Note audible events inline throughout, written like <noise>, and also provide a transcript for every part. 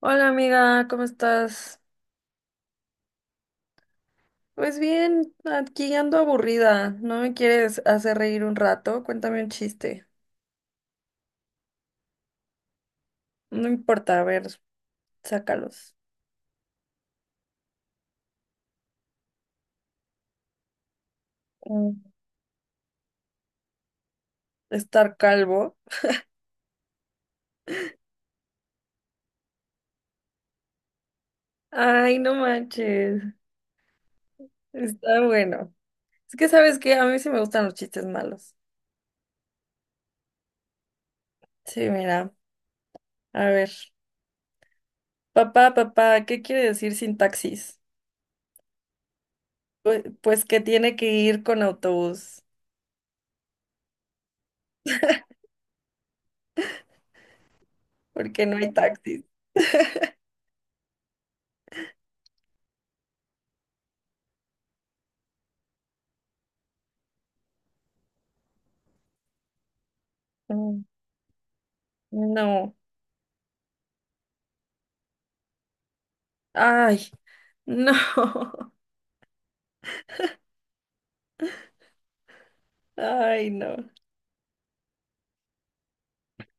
Hola amiga, ¿cómo estás? Pues bien, aquí ando aburrida. ¿No me quieres hacer reír un rato? Cuéntame un chiste. No importa, a ver, sácalos. Mm. Estar calvo. Ay, no manches. Está bueno. Es que sabes que a mí sí me gustan los chistes malos. Sí, mira, a ver. Papá, papá, ¿qué quiere decir sin taxis? Pues que tiene que ir con autobús, porque no hay <laughs> taxis. Mm. No. Ay, no. <laughs> Ay, no.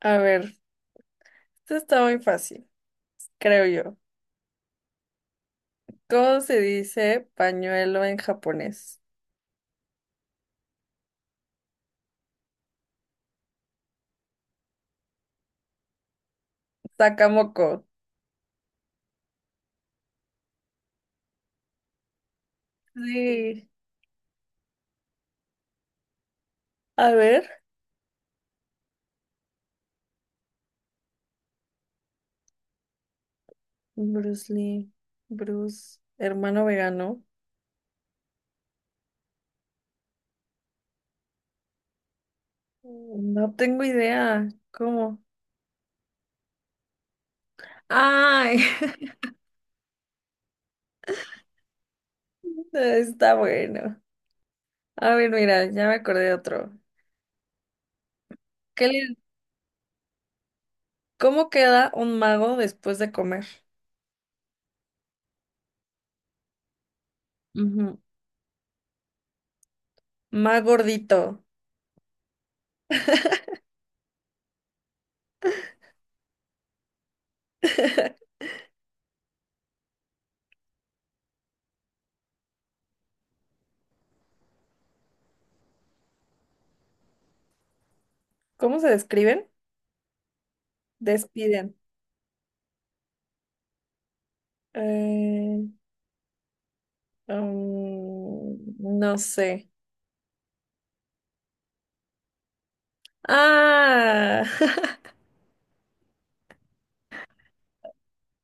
A ver, esto está muy fácil, creo yo. ¿Cómo se dice pañuelo en japonés? Sakamoko. Sí. A ver, Bruce Lee, Bruce, hermano vegano. No tengo idea. ¿Cómo? Ay, <laughs> está bueno. A ver, mira, ya me acordé de otro. ¿Qué le- ¿Cómo queda un mago después de comer? Ujú. Más gordito. <laughs> ¿Cómo se describen? Despiden. Eh, no sé. Ah,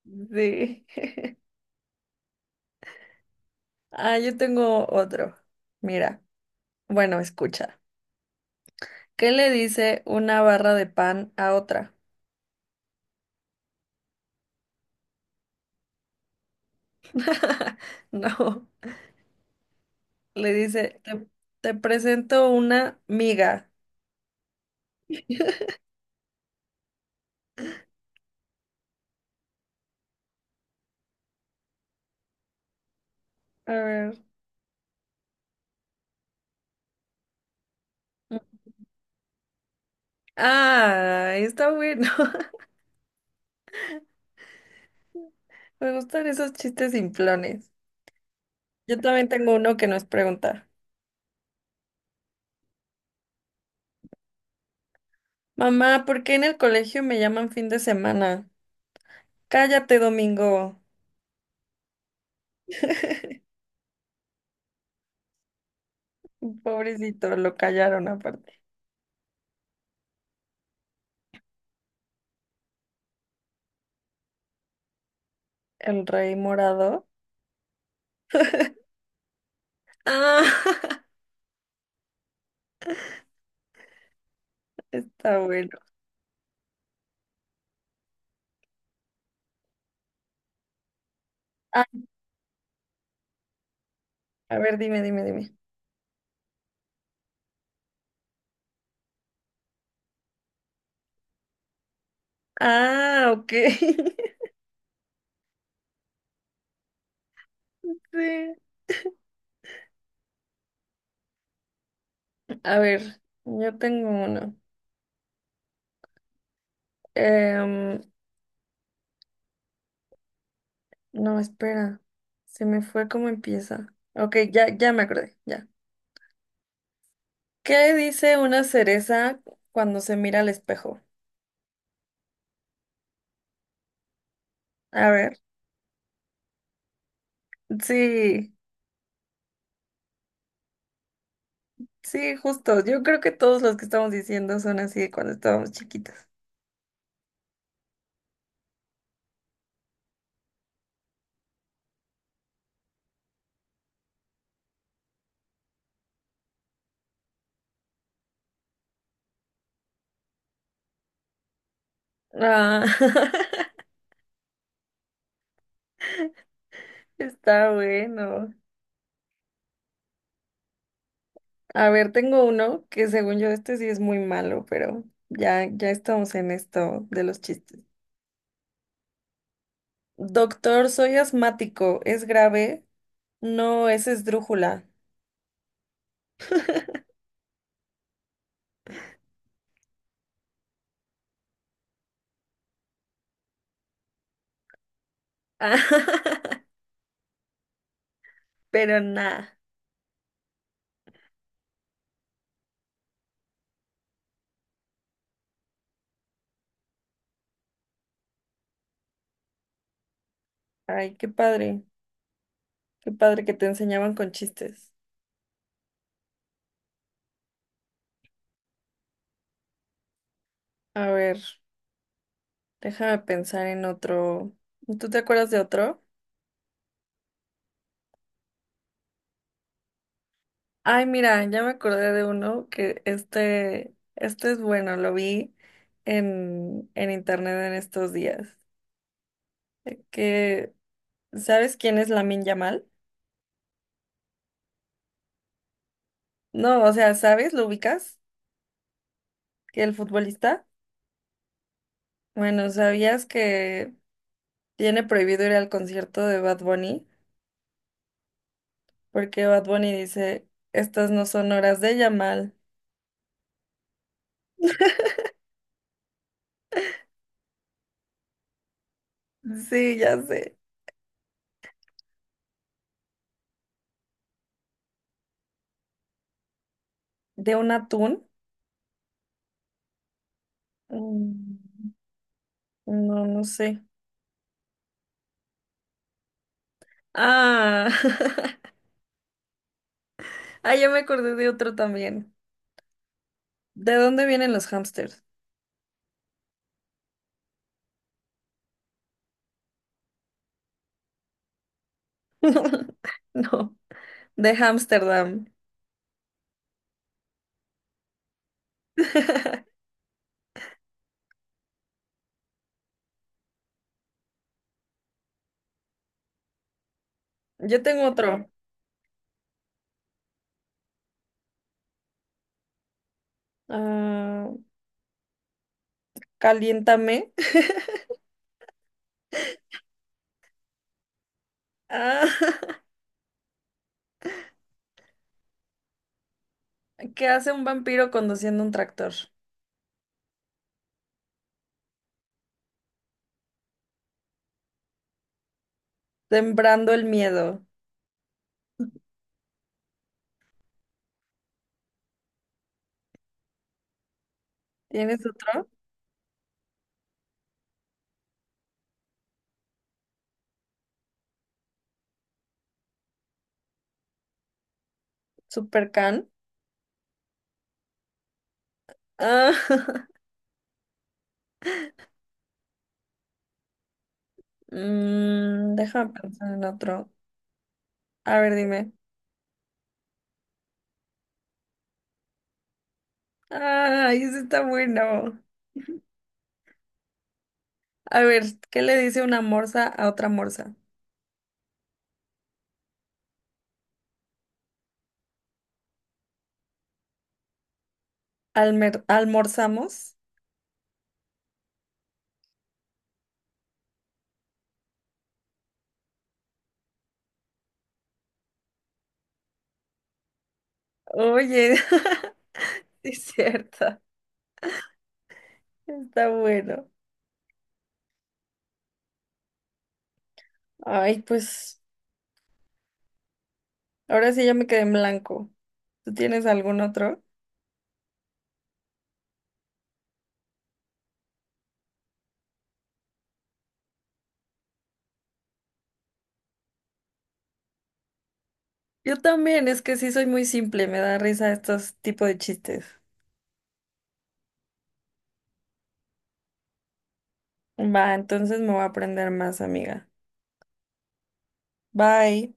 <laughs> sí. Ah, yo tengo otro. Mira, bueno, escucha. ¿Qué le dice una barra de pan a otra? <laughs> No, le dice, te presento una miga. A ver. Ah, está bueno. <laughs> Me gustan esos chistes simplones. Yo también tengo uno que nos pregunta. Mamá, ¿por qué en el colegio me llaman fin de semana? Cállate, Domingo. Pobrecito, lo callaron aparte. El rey morado. Ah, <laughs> está bueno. Ah, a ver, dime, dime, dime. Ah, ok. <laughs> Sí. A ver, yo tengo uno. Em, no, espera. Se me fue cómo empieza. Ok, ya, ya me acordé, ya. ¿Qué dice una cereza cuando se mira al espejo? A ver. Sí, sí, justo. Yo creo que todos los que estamos diciendo son así de cuando estábamos chiquitos. Ah, <laughs> está bueno. A ver, tengo uno que según yo este sí es muy malo, pero ya, ya estamos en esto de los chistes. Doctor, soy asmático, ¿es grave? No, es esdrújula. <laughs> Pero nada. Ay, qué padre que te enseñaban con chistes. A ver, déjame pensar en otro. ¿Tú te acuerdas de otro? Ay, mira, ya me acordé de uno que este es bueno, lo vi en internet en estos días. Que, ¿sabes quién es Lamin Yamal? No, o sea, ¿sabes? ¿Lo ubicas? ¿Que el futbolista? Bueno, ¿sabías que tiene prohibido ir al concierto de Bad Bunny? Porque Bad Bunny dice, estas no son horas de Yamal. Sí, ya sé. ¿De un atún? Mm, no, no sé. Ah. <laughs> Ah, ya me acordé de otro también. ¿De dónde vienen los hámsters? <laughs> No, de Ámsterdam. <laughs> Yo tengo otro. Ah, caliéntame. <laughs> Ah, <laughs> ¿qué hace un vampiro conduciendo un tractor? Sembrando el miedo. ¿Tienes otro? Supercan. Ah, <laughs> mm, déjame pensar en otro. A ver, dime. Ay, ese está bueno. A ver, ¿qué le dice una morsa a otra morsa? ¿Almer- ¿Almorzamos? Oye, <laughs> sí es cierto. Está bueno. Ay, pues ahora sí ya me quedé en blanco. ¿Tú tienes algún otro? Yo también, es que sí soy muy simple, me da risa estos tipos de chistes. Va, entonces me voy a aprender más, amiga. Bye.